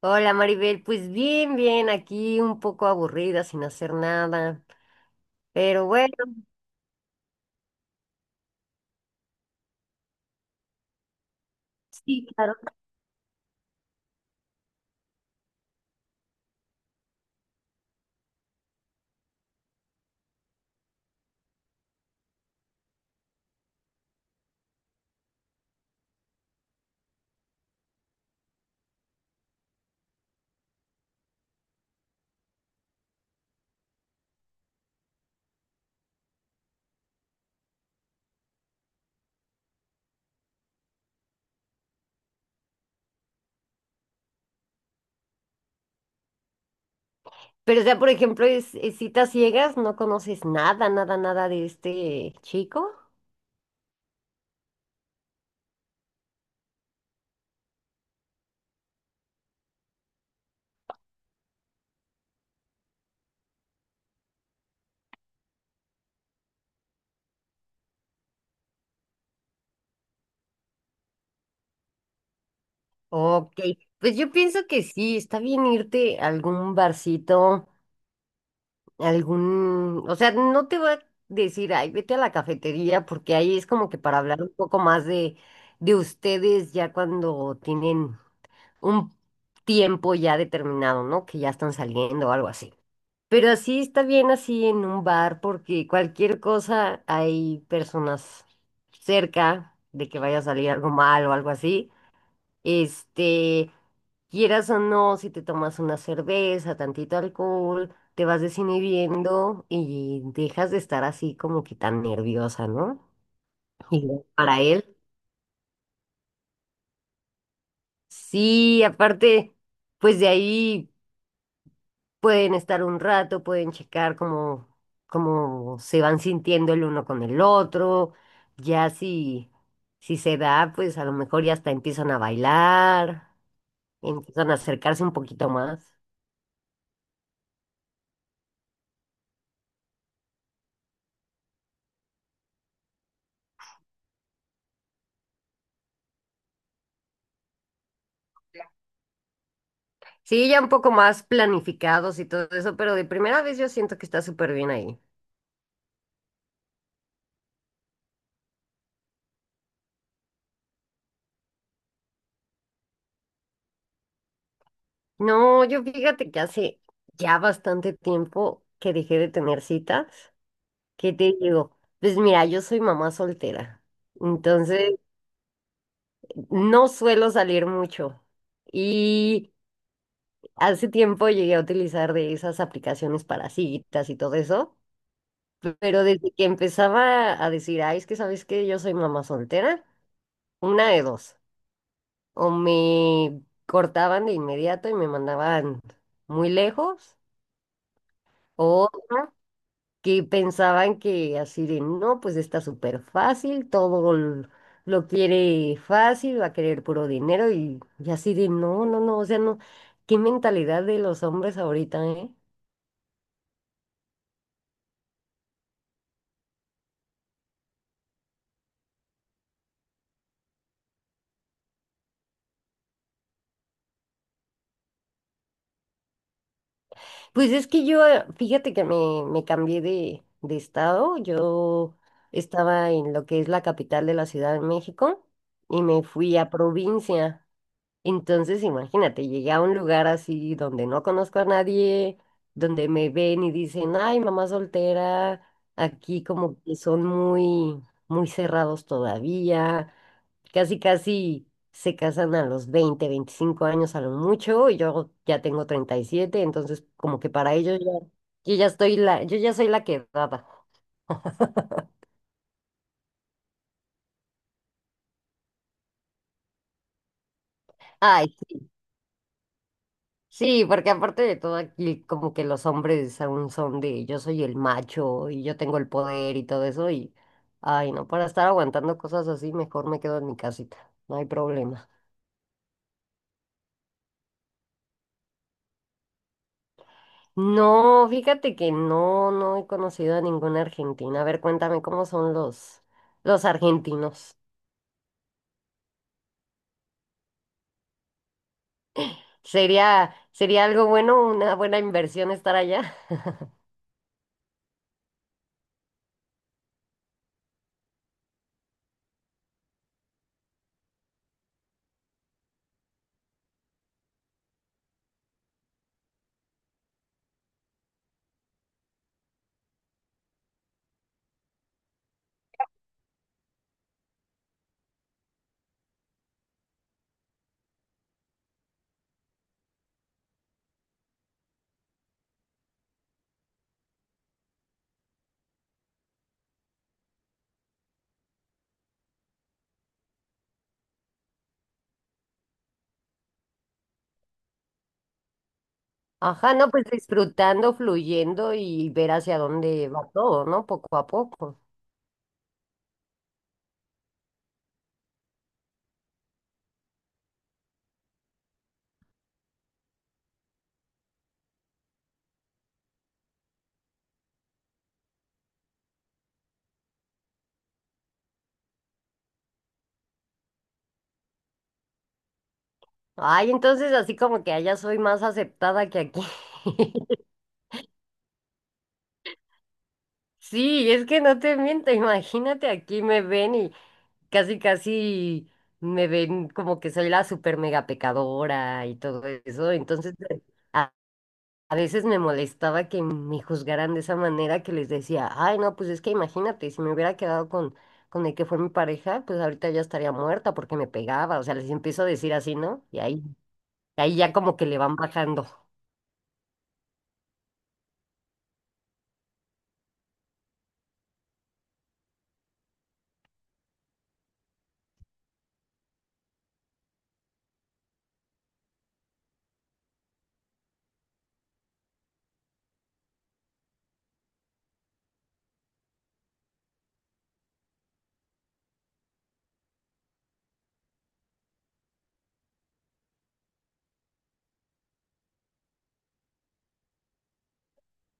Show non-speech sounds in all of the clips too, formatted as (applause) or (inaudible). Hola Maribel, pues bien, bien, aquí un poco aburrida, sin hacer nada, pero bueno, sí, claro. Pero o sea, por ejemplo, es citas ciegas, no conoces nada, nada, nada de este chico. Ok, pues yo pienso que sí, está bien irte a algún barcito, algún, o sea, no te voy a decir, ay, vete a la cafetería, porque ahí es como que para hablar un poco más de ustedes ya cuando tienen un tiempo ya determinado, ¿no? Que ya están saliendo o algo así. Pero así está bien así en un bar porque cualquier cosa hay personas cerca de que vaya a salir algo mal o algo así. Este, quieras o no, si te tomas una cerveza, tantito alcohol, te vas desinhibiendo y dejas de estar así como que tan nerviosa, ¿no? Y para él, sí, aparte, pues de ahí. Pueden estar un rato, pueden checar cómo, cómo se van sintiendo el uno con el otro. Ya si se da, pues a lo mejor ya hasta empiezan a bailar, empiezan a acercarse un poquito más. Sí, ya un poco más planificados y todo eso, pero de primera vez yo siento que está súper bien ahí. No, yo fíjate que hace ya bastante tiempo que dejé de tener citas. ¿Qué te digo? Pues mira, yo soy mamá soltera. Entonces, no suelo salir mucho y hace tiempo llegué a utilizar de esas aplicaciones para citas y todo eso, pero desde que empezaba a decir, ay, es que sabes que yo soy mamá soltera, una de dos, o me cortaban de inmediato y me mandaban muy lejos, o otra, que pensaban que así de, no, pues está súper fácil, lo quiere fácil, va a querer puro dinero y así de, no, no, no, o sea, no, qué mentalidad de los hombres ahorita, ¿eh? Pues es que yo, fíjate que me, cambié de estado, yo estaba en lo que es la capital de la Ciudad de México y me fui a provincia. Entonces, imagínate, llegué a un lugar así donde no conozco a nadie, donde me ven y dicen, ay, mamá soltera, aquí como que son muy, muy cerrados todavía, casi, casi se casan a los 20, 25 años a lo mucho, y yo ya tengo 37, entonces como que para ellos ya, yo ya estoy la, yo ya soy la quedada. Ay, sí. Sí, porque aparte de todo aquí como que los hombres aún son de yo soy el macho y yo tengo el poder y todo eso y ay no, para estar aguantando cosas así mejor me quedo en mi casita, no hay problema. No, fíjate que no, no he conocido a ninguna argentina. A ver, cuéntame cómo son los argentinos. ¿Sería algo bueno, una buena inversión estar allá? (laughs) Ajá, no, pues disfrutando, fluyendo y ver hacia dónde va todo, ¿no? Poco a poco. Ay, entonces así como que allá soy más aceptada que aquí. (laughs) Sí, es que no te miento, imagínate, aquí me ven y casi casi me ven como que soy la super mega pecadora y todo eso. Entonces, a, a veces me molestaba que me juzgaran de esa manera que les decía, ay, no, pues es que imagínate, si me hubiera quedado con el que fue mi pareja, pues ahorita ya estaría muerta porque me pegaba. O sea, les empiezo a decir así, ¿no? Y ahí, ahí ya como que le van bajando.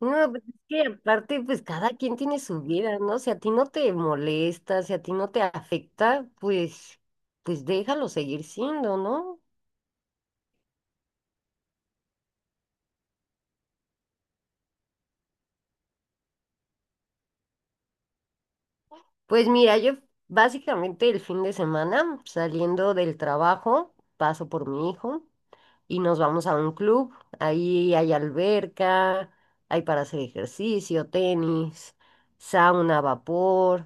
No, pues es que aparte, pues cada quien tiene su vida, ¿no? Si a ti no te molesta, si a ti no te afecta, pues, pues déjalo seguir siendo, ¿no? Pues mira, yo básicamente el fin de semana, saliendo del trabajo, paso por mi hijo. Y nos vamos a un club. Ahí hay alberca, hay para hacer ejercicio, tenis, sauna, vapor.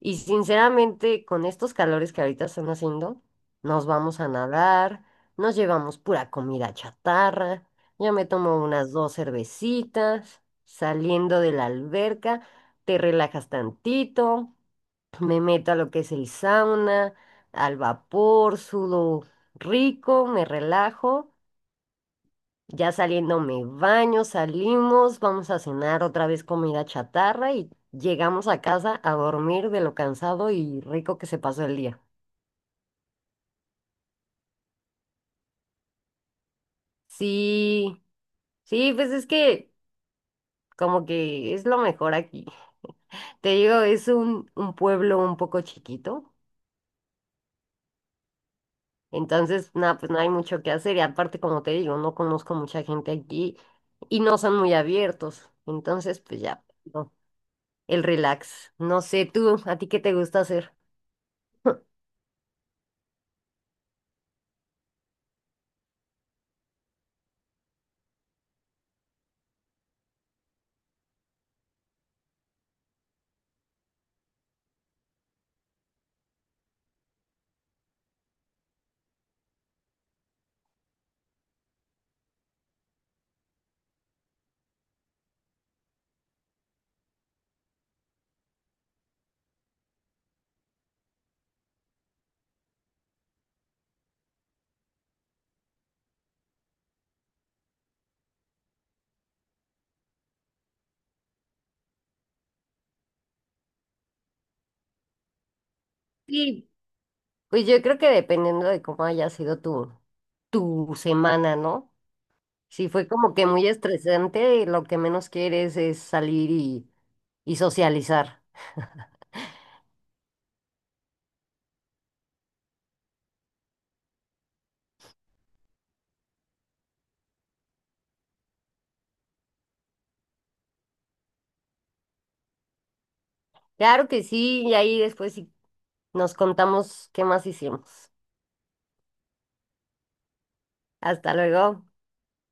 Y sinceramente, con estos calores que ahorita están haciendo, nos vamos a nadar, nos llevamos pura comida chatarra, yo me tomo unas dos cervecitas, saliendo de la alberca, te relajas tantito, me meto a lo que es el sauna, al vapor, sudo rico, me relajo ya saliendo me baño, salimos, vamos a cenar otra vez comida chatarra y llegamos a casa a dormir de lo cansado y rico que se pasó el día. Sí, sí, pues es que como que es lo mejor aquí. (laughs) Te digo, es un pueblo un poco chiquito, entonces nada, pues no hay mucho que hacer y aparte como te digo, no conozco mucha gente aquí y no son muy abiertos, entonces pues ya, no, el relax. No sé tú, ¿a ti qué te gusta hacer? (laughs) Sí, pues yo creo que dependiendo de cómo haya sido tu semana, ¿no? Si fue como que muy estresante, lo que menos quieres es salir y socializar. Claro que sí, y ahí después sí nos contamos qué más hicimos. Hasta luego.